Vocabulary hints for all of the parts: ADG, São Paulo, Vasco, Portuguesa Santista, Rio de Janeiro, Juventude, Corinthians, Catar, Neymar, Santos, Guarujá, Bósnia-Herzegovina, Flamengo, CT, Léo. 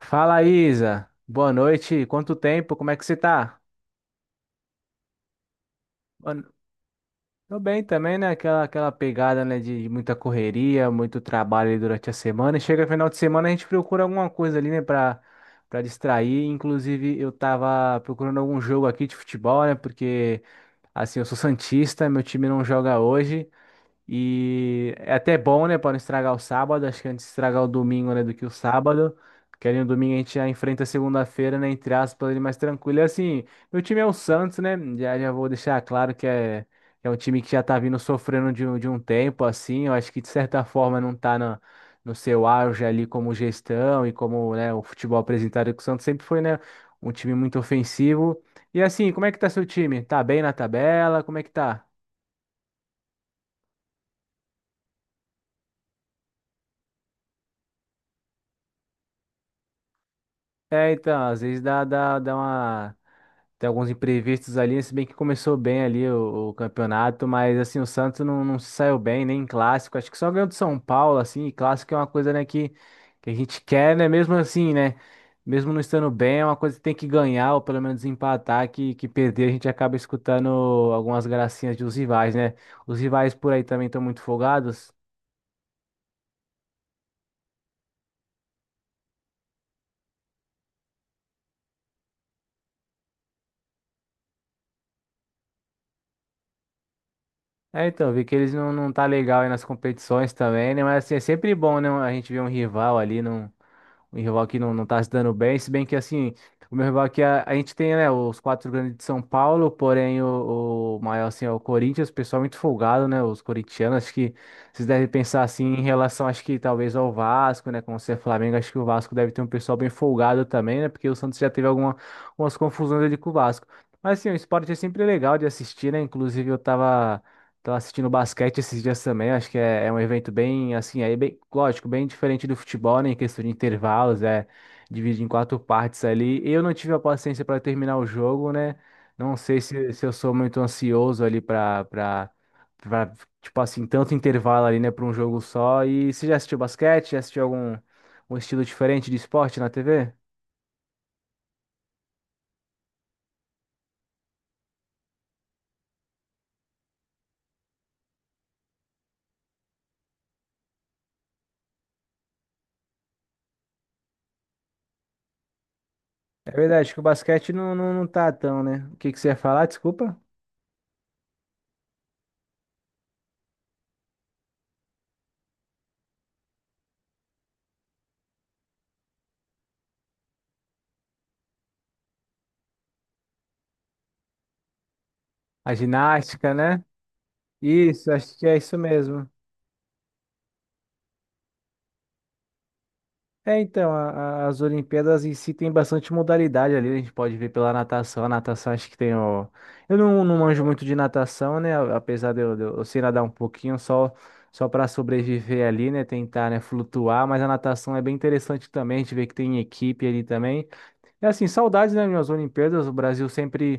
Fala, Isa. Boa noite. Quanto tempo? Como é que você tá? Boa no- Tô bem também, né? Aquela pegada, né, de muita correria, muito trabalho ali durante a semana. E chega final de semana, a gente procura alguma coisa ali, né, pra distrair. Inclusive, eu tava procurando algum jogo aqui de futebol, né? Porque, assim, eu sou santista, meu time não joga hoje. E é até bom, né, para não estragar o sábado. Acho que antes de estragar o domingo, né, do que o sábado. Porque ali no domingo a gente já enfrenta a segunda-feira, né, entre aspas, ali mais tranquilo. E assim, meu time é o Santos, né? Já vou deixar claro que é, é um time que já tá vindo sofrendo de, de um tempo, assim. Eu acho que de certa forma não tá na, no seu auge ali como gestão e como, né, o futebol apresentado que o Santos sempre foi, né, um time muito ofensivo. E assim, como é que tá seu time? Tá bem na tabela? Como é que tá? É, então, às vezes dá uma. Tem alguns imprevistos ali, se bem que começou bem ali o campeonato, mas assim, o Santos não, não se saiu bem, nem em clássico. Acho que só ganhou do São Paulo, assim, e clássico é uma coisa, né, que a gente quer, né? Mesmo assim, né? Mesmo não estando bem, é uma coisa que tem que ganhar, ou pelo menos empatar, que perder a gente acaba escutando algumas gracinhas dos rivais, né? Os rivais por aí também estão muito folgados. É, então, vi que eles não, não tá legal aí nas competições também, né? Mas assim, é sempre bom, né? A gente ver um rival ali, não, um rival que não, não tá se dando bem, se bem que assim, o meu rival aqui, a gente tem, né, os quatro grandes de São Paulo, porém o maior, assim, é o Corinthians, o pessoal é muito folgado, né? Os corintianos, acho que vocês devem pensar assim em relação, acho que talvez ao Vasco, né? Como você é Flamengo, acho que o Vasco deve ter um pessoal bem folgado também, né? Porque o Santos já teve alguma, algumas confusões ali com o Vasco. Mas assim, o esporte é sempre legal de assistir, né? Inclusive eu tava. Tô assistindo basquete esses dias também, acho que é, é um evento bem, assim, aí bem, lógico, bem diferente do futebol, né, em questão de intervalos, é dividido em quatro partes ali. Eu não tive a paciência para terminar o jogo, né? Não sei se, se eu sou muito ansioso ali para tipo assim, tanto intervalo ali, né, para um jogo só. E você já assistiu basquete? Já assistiu algum um estilo diferente de esporte na TV? É verdade que o basquete não, não, não tá tão, né? O que que você ia falar? Desculpa. A ginástica, né? Isso, acho que é isso mesmo. É, então, as Olimpíadas em si tem bastante modalidade ali, a gente pode ver pela natação, a natação acho que tem o... Eu não, não manjo muito de natação, né, apesar de eu, de eu sei nadar um pouquinho, só, só para sobreviver ali, né, tentar, né, flutuar, mas a natação é bem interessante também, a gente vê que tem equipe ali também, é assim, saudades, né, minhas Olimpíadas, o Brasil sempre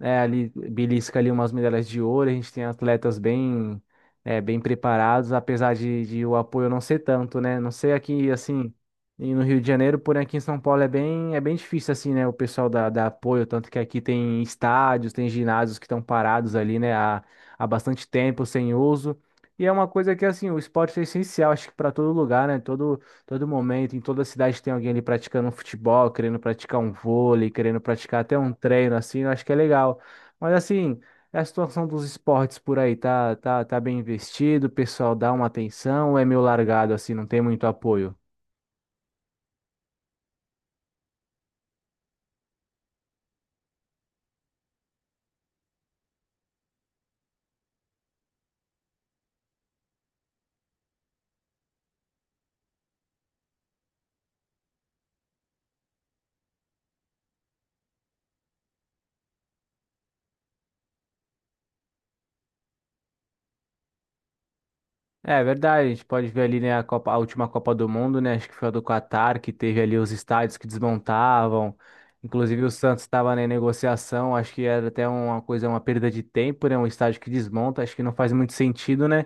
é, ali belisca ali umas medalhas de ouro, a gente tem atletas bem é, bem preparados, apesar de o apoio não ser tanto, né? Não sei aqui assim e no Rio de Janeiro, porém aqui em São Paulo é bem difícil assim, né, o pessoal da, da apoio, tanto que aqui tem estádios, tem ginásios que estão parados ali, né, há, há bastante tempo sem uso. E é uma coisa que assim, o esporte é essencial, acho que para todo lugar, né? Todo momento, em toda cidade tem alguém ali praticando um futebol, querendo praticar um vôlei, querendo praticar até um treino, assim, eu acho que é legal. Mas assim, a situação dos esportes por aí tá bem investido, o pessoal dá uma atenção, ou é meio largado, assim, não tem muito apoio? É verdade, a gente pode ver ali, né, a a última Copa do Mundo, né, acho que foi a do Catar, que teve ali os estádios que desmontavam, inclusive o Santos estava, né, em negociação, acho que era até uma coisa, uma perda de tempo, né, um estádio que desmonta, acho que não faz muito sentido, né,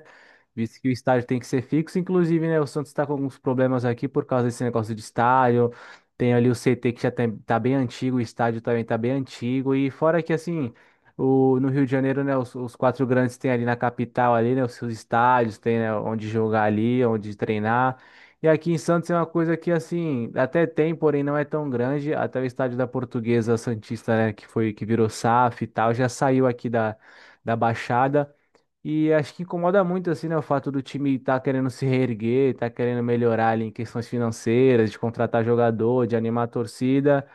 visto que o estádio tem que ser fixo. Inclusive, né, o Santos está com alguns problemas aqui por causa desse negócio de estádio. Tem ali o CT que já tem, tá bem antigo, o estádio também tá bem antigo. E fora que, assim, o, no Rio de Janeiro, né, os quatro grandes têm ali na capital, ali, né, os seus estádios, tem, né, onde jogar ali, onde treinar. E aqui em Santos é uma coisa que, assim, até tem, porém não é tão grande. Até o estádio da Portuguesa Santista, né, que foi, que virou SAF e tal, já saiu aqui da, da Baixada. E acho que incomoda muito, assim, né, o fato do time estar querendo se reerguer, estar querendo melhorar ali em questões financeiras, de contratar jogador, de animar a torcida,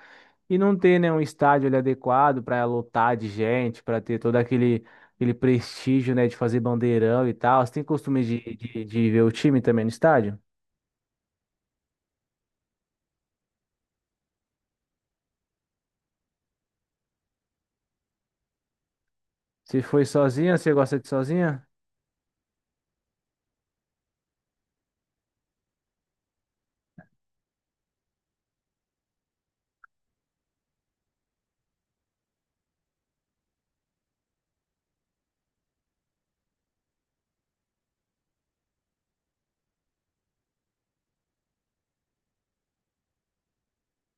e não ter, né, um estádio ali adequado para lotar de gente, para ter todo aquele, aquele prestígio, né, de fazer bandeirão e tal. Você tem costume de ver o time também no estádio? Você foi sozinha? Você gosta de sozinha?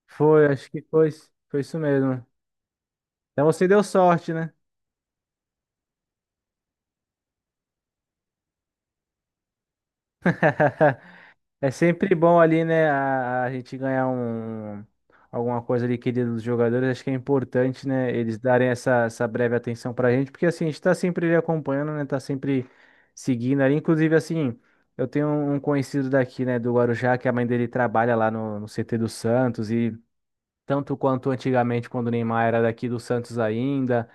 Foi, acho que foi. Foi isso mesmo. Então você deu sorte, né? É sempre bom ali, né, a gente ganhar alguma coisa ali querida dos jogadores. Acho que é importante, né, eles darem essa, essa breve atenção pra gente, porque assim, a gente tá sempre ali acompanhando, né, tá sempre seguindo ali. Inclusive, assim, eu tenho um conhecido daqui, né, do Guarujá, que a mãe dele trabalha lá no, no CT do Santos e tanto quanto antigamente, quando o Neymar era daqui do Santos ainda,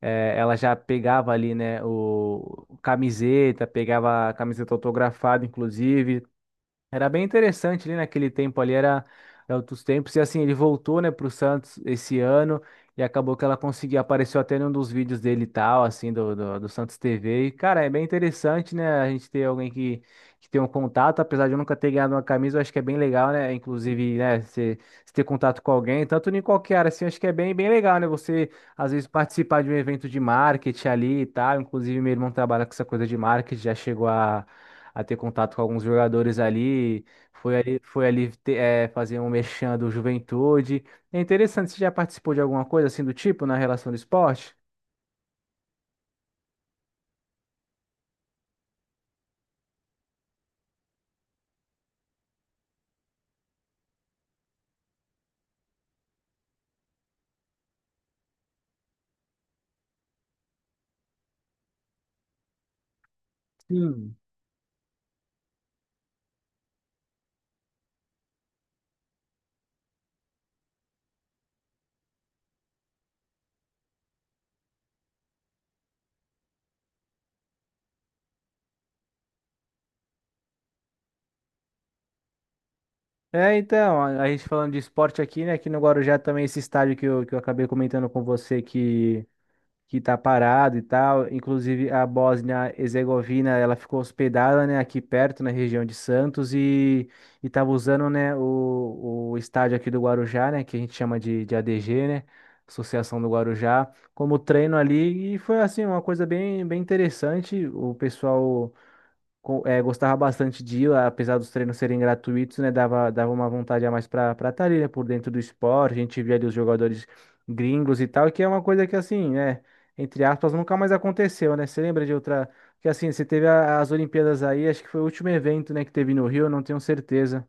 ela já pegava ali, né, o camiseta, pegava a camiseta autografada, inclusive. Era bem interessante ali naquele tempo ali, era, era outros tempos. E assim, ele voltou, né, pro Santos esse ano e acabou que ela conseguiu, apareceu até num dos vídeos dele e tal, assim, do Santos TV. E, cara, é bem interessante, né, a gente ter alguém que tem um contato, apesar de eu nunca ter ganhado uma camisa, eu acho que é bem legal, né, inclusive, né, você ter contato com alguém, tanto em qualquer área, assim, eu acho que é bem, bem legal, né, você, às vezes, participar de um evento de marketing ali e tal. Inclusive, meu irmão trabalha com essa coisa de marketing, já chegou a ter contato com alguns jogadores ali. Foi ali, foi ali fazer um merchan do Juventude. É interessante, você já participou de alguma coisa assim do tipo na relação do esporte? Sim. É, então, a gente falando de esporte aqui, né? Aqui no Guarujá também esse estádio que eu acabei comentando com você que tá parado e tal. Inclusive a Bósnia-Herzegovina, ela ficou hospedada, né, aqui perto na região de Santos e tava usando, né, o estádio aqui do Guarujá, né, que a gente chama de ADG, né, Associação do Guarujá, como treino ali e foi assim uma coisa bem bem interessante. O pessoal gostava bastante de ir, apesar dos treinos serem gratuitos, né? Dava, dava uma vontade a mais para estar ali, né? Por dentro do esporte, a gente via ali os jogadores gringos e tal, que é uma coisa que assim, né? Entre aspas, nunca mais aconteceu, né? Você lembra de outra? Que assim, você teve as Olimpíadas aí, acho que foi o último evento, né, que teve no Rio, eu não tenho certeza.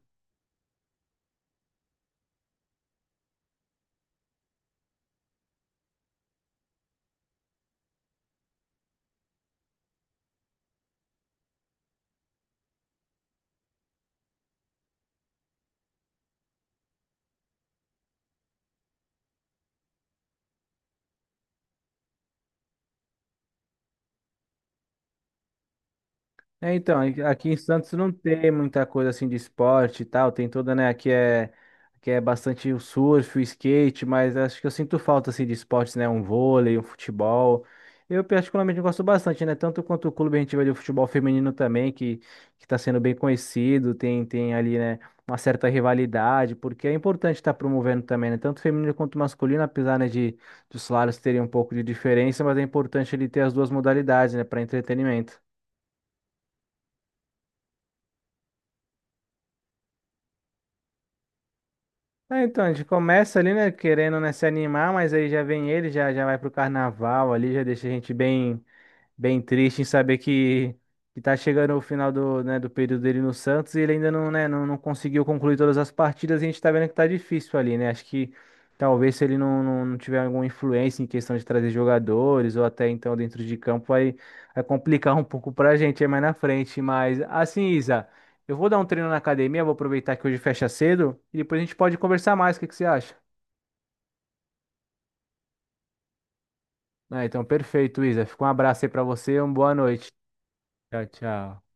É, então, aqui aqui em Santos não tem muita coisa assim de esporte e tal, tem toda, né, aqui é bastante o surf, o skate, mas acho que eu sinto falta assim de esportes, né, um vôlei, um futebol. Eu particularmente gosto bastante, né, tanto quanto o clube a gente vê de futebol feminino também, que está sendo bem conhecido, tem tem ali, né, uma certa rivalidade, porque é importante estar promovendo também, né, tanto feminino quanto masculino, apesar, né, de dos salários terem um pouco de diferença, mas é importante ele ter as duas modalidades, né, para entretenimento. É, então, a gente começa ali, né, querendo, né, se animar, mas aí já vem ele, já vai pro carnaval ali, já deixa a gente bem. Bem triste em saber que tá chegando o final do, né, do período dele no Santos e ele ainda não, né, não, não conseguiu concluir todas as partidas e a gente tá vendo que tá difícil ali, né? Acho que talvez se ele não, não, não tiver alguma influência em questão de trazer jogadores ou até então dentro de campo vai, vai complicar um pouco pra gente aí mais na frente. Mas assim, Isa, eu vou dar um treino na academia, vou aproveitar que hoje fecha cedo e depois a gente pode conversar mais. O que que você acha? Ah, então perfeito, Isa. Fica um abraço aí pra você e uma boa noite. Tchau, tchau.